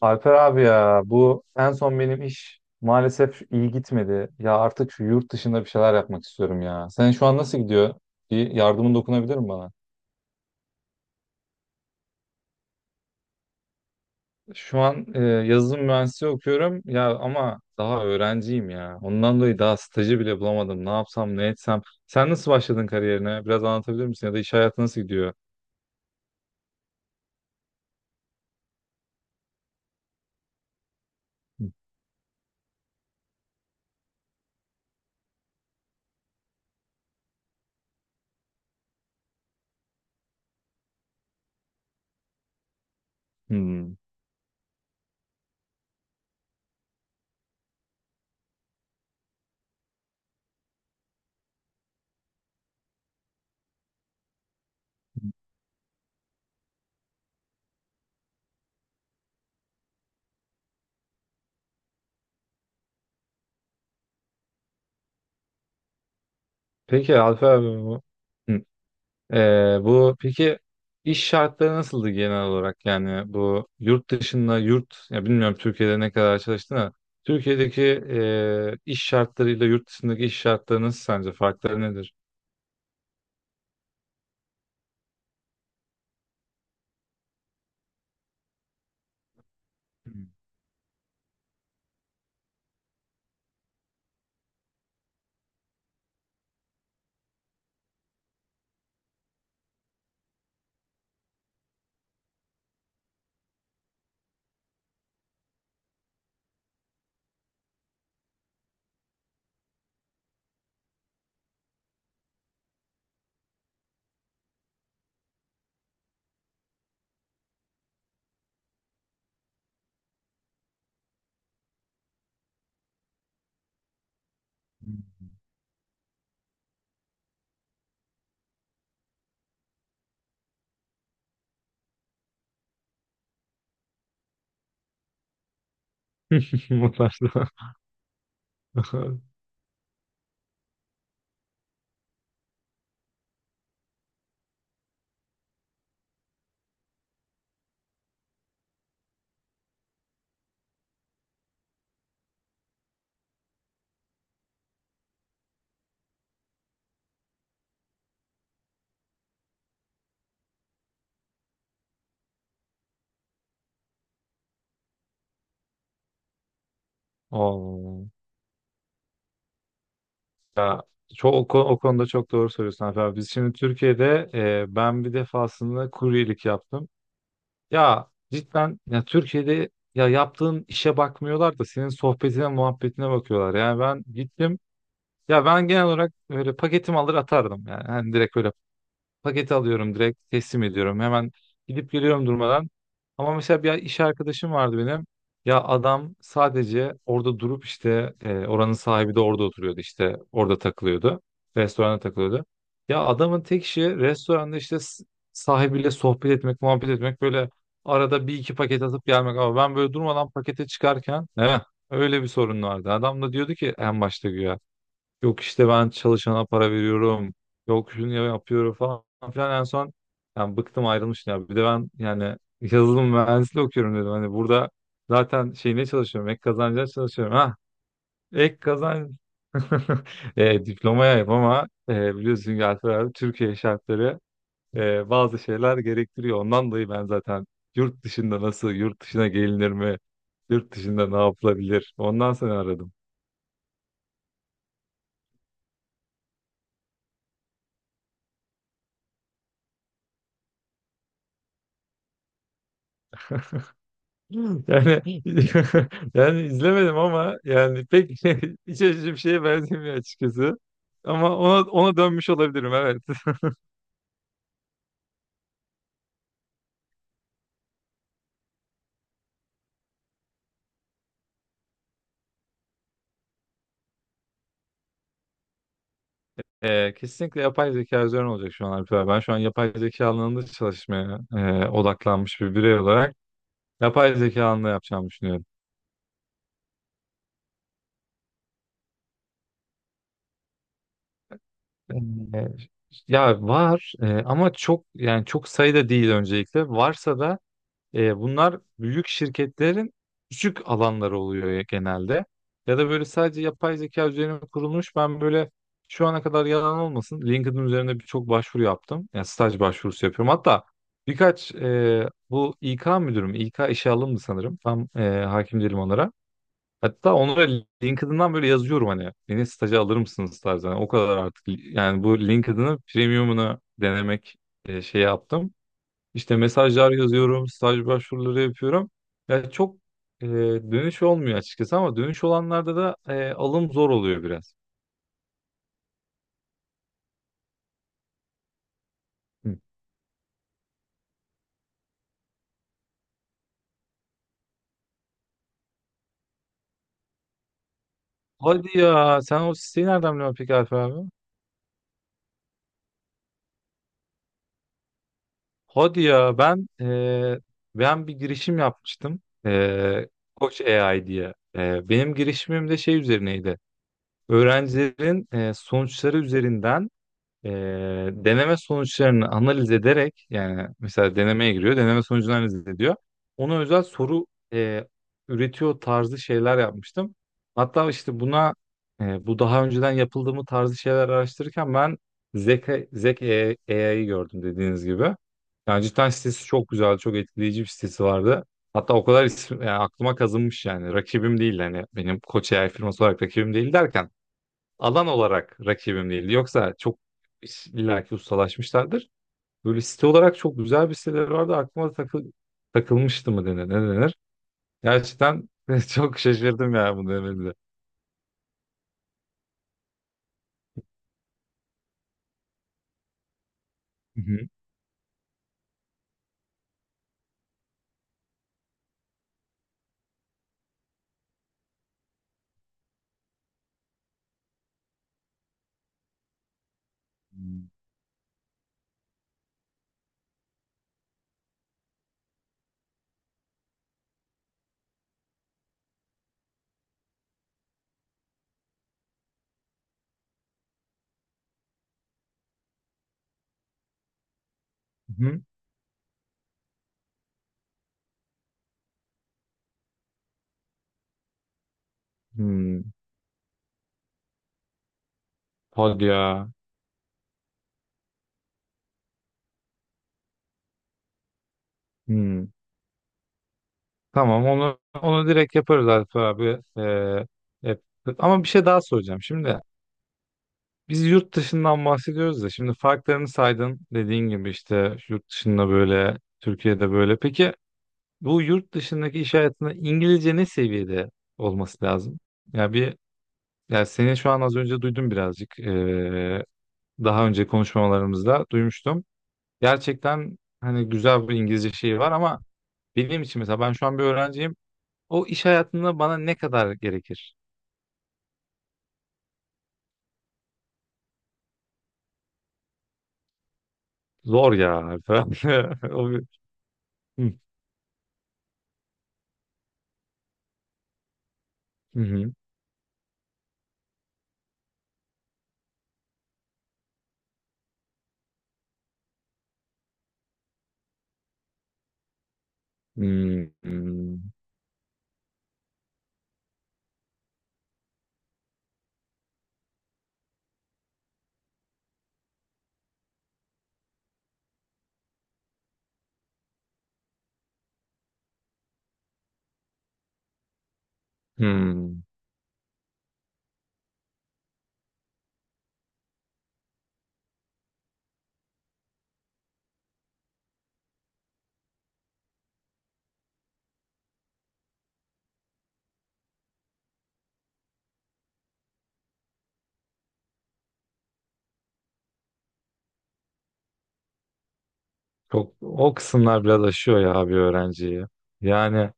Alper abi ya bu en son benim iş maalesef iyi gitmedi. Ya artık şu yurt dışında bir şeyler yapmak istiyorum ya. Senin şu an nasıl gidiyor? Bir yardımın dokunabilir mi bana? Şu an yazılım mühendisliği okuyorum ya ama daha öğrenciyim ya. Ondan dolayı daha stajı bile bulamadım. Ne yapsam ne etsem. Sen nasıl başladın kariyerine? Biraz anlatabilir misin? Ya da iş hayatı nasıl gidiyor? Hmm. Peki Alper abi bu. Hı. Bu peki iş şartları nasıldı genel olarak yani bu yurt dışında yurt ya bilmiyorum Türkiye'de ne kadar çalıştın ama Türkiye'deki iş şartlarıyla yurt dışındaki iş şartları nasıl sence farkları nedir? Hmm. Mutlaka. Oo. Ya çok o konuda çok doğru söylüyorsun Alper abi. Biz şimdi Türkiye'de ben bir defasında kuryelik yaptım. Ya cidden ya Türkiye'de ya yaptığın işe bakmıyorlar da senin sohbetine muhabbetine bakıyorlar. Yani ben gittim. Ya ben genel olarak öyle paketimi alır atardım yani. Hani direkt öyle paketi alıyorum, direkt teslim ediyorum. Hemen gidip geliyorum durmadan. Ama mesela bir iş arkadaşım vardı benim. Ya adam sadece orada durup işte oranın sahibi de orada oturuyordu, işte orada takılıyordu. Restoranda takılıyordu. Ya adamın tek işi restoranda işte sahibiyle sohbet etmek, muhabbet etmek, böyle arada bir iki paket atıp gelmek. Ama ben böyle durmadan pakete çıkarken, evet, öyle bir sorun vardı. Adam da diyordu ki en başta güya. Yok işte ben çalışana para veriyorum. Yok şunu yapıyorum falan filan. En son yani bıktım, ayrılmıştım ya. Bir de ben yani yazılım mühendisliği okuyorum dedim. Hani burada zaten şeyine çalışıyorum. Ek kazanca çalışıyorum. Ha, ek kazanç. Diplomaya ama biliyorsun ki Alper abi Türkiye şartları bazı şeyler gerektiriyor. Ondan dolayı ben zaten yurt dışında nasıl, yurt dışına gelinir mi, yurt dışında ne yapılabilir ondan sonra aradım. Yani yani izlemedim ama yani pek iç açıcı bir şeye benzemiyor açıkçası. Ama ona dönmüş olabilirim, evet. Kesinlikle yapay zeka üzerine olacak şu an Alp abi. Ben şu an yapay zeka alanında çalışmaya odaklanmış bir birey olarak yapay zeka alanında yapacağımı düşünüyorum. Ee, ya var ama çok yani çok sayıda değil öncelikle. Varsa da E, bunlar büyük şirketlerin küçük alanları oluyor ya genelde. Ya da böyle sadece yapay zeka üzerine kurulmuş. Ben böyle şu ana kadar yalan olmasın. LinkedIn üzerinde birçok başvuru yaptım. Yani staj başvurusu yapıyorum. Hatta birkaç bu İK müdürüm, İK işe alımdı sanırım. Tam hakim değilim onlara. Hatta onlara LinkedIn'dan böyle yazıyorum hani beni staja alır mısınız tarzı. Hani o kadar artık yani bu LinkedIn'ı premiumunu denemek şey yaptım. İşte mesajlar yazıyorum, staj başvuruları yapıyorum. Ya çok e, dönüş olmuyor açıkçası, ama dönüş olanlarda da alım zor oluyor biraz. Hı. Hadi ya sen o siteyi nereden biliyorsun peki Alper abi? Hadi ya ben ben bir girişim yapmıştım. E, Koç AI diye. E, benim girişimim de şey üzerineydi. Öğrencilerin sonuçları üzerinden e, deneme sonuçlarını analiz ederek, yani mesela denemeye giriyor, deneme sonucunu analiz ediyor. Ona özel soru e, üretiyor tarzı şeyler yapmıştım. Hatta işte buna bu daha önceden yapıldığı mı tarzı şeyler araştırırken ben Zeka, Zek AI'yi gördüm dediğiniz gibi. Yani cidden sitesi çok güzel, çok etkileyici bir sitesi vardı. Hatta o kadar isim, yani aklıma kazınmış yani. Rakibim değil hani benim Koç AI firması olarak rakibim değil derken alan olarak rakibim değil. Yoksa çok illaki ustalaşmışlardır. Böyle site olarak çok güzel bir siteleri vardı. Aklıma takılmıştı mı denir, ne denir? Gerçekten çok şaşırdım ya bunu demenize. Hı hı. Hı hı. Hmm. Hadi ya. Hmm. Tamam, onu direkt yaparız Alp abi. Yap- Ama bir şey daha soracağım. Şimdi biz yurt dışından bahsediyoruz da şimdi farklarını saydın dediğin gibi işte yurt dışında böyle, Türkiye'de böyle. Peki bu yurt dışındaki iş hayatında İngilizce ne seviyede olması lazım? Ya bir ya seni şu an az önce duydum birazcık. Daha önce konuşmalarımızda duymuştum. Gerçekten hani güzel bir İngilizce şeyi var ama benim için mesela ben şu an bir öğrenciyim. O iş hayatında bana ne kadar gerekir? Zor ya falan. O bir- Hı, hı, hı, hı, hı, hı. Çok o kısımlar biraz aşıyor ya bir öğrenciyi. Yani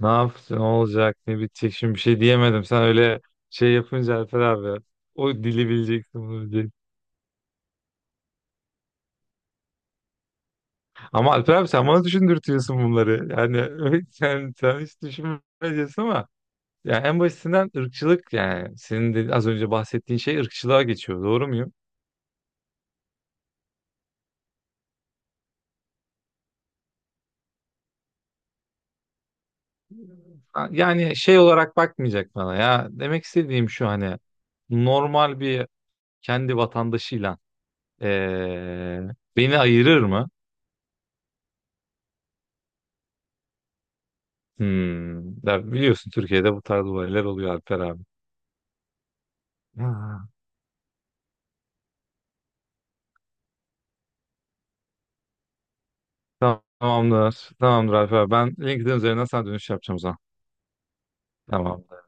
ne yaptın? Olacak? Ne bitecek? Şimdi bir şey diyemedim. Sen öyle şey yapınca Alper abi. O dili bileceksin, bunu bileceksin. Ama Alper abi sen bana düşündürtüyorsun bunları. Yani sen hiç düşünmeyeceksin ama yani en basitinden ırkçılık, yani senin de az önce bahsettiğin şey ırkçılığa geçiyor. Doğru muyum? Yani şey olarak bakmayacak bana ya. Demek istediğim şu, hani normal bir kendi vatandaşıyla eee, beni ayırır mı? Hmm. Ya biliyorsun Türkiye'de bu tarz olaylar oluyor Alper abi. Ha. Tamamdır. Tamamdır Alper abi. Ben LinkedIn üzerinden sana dönüş yapacağım o zaman. Tamamdır.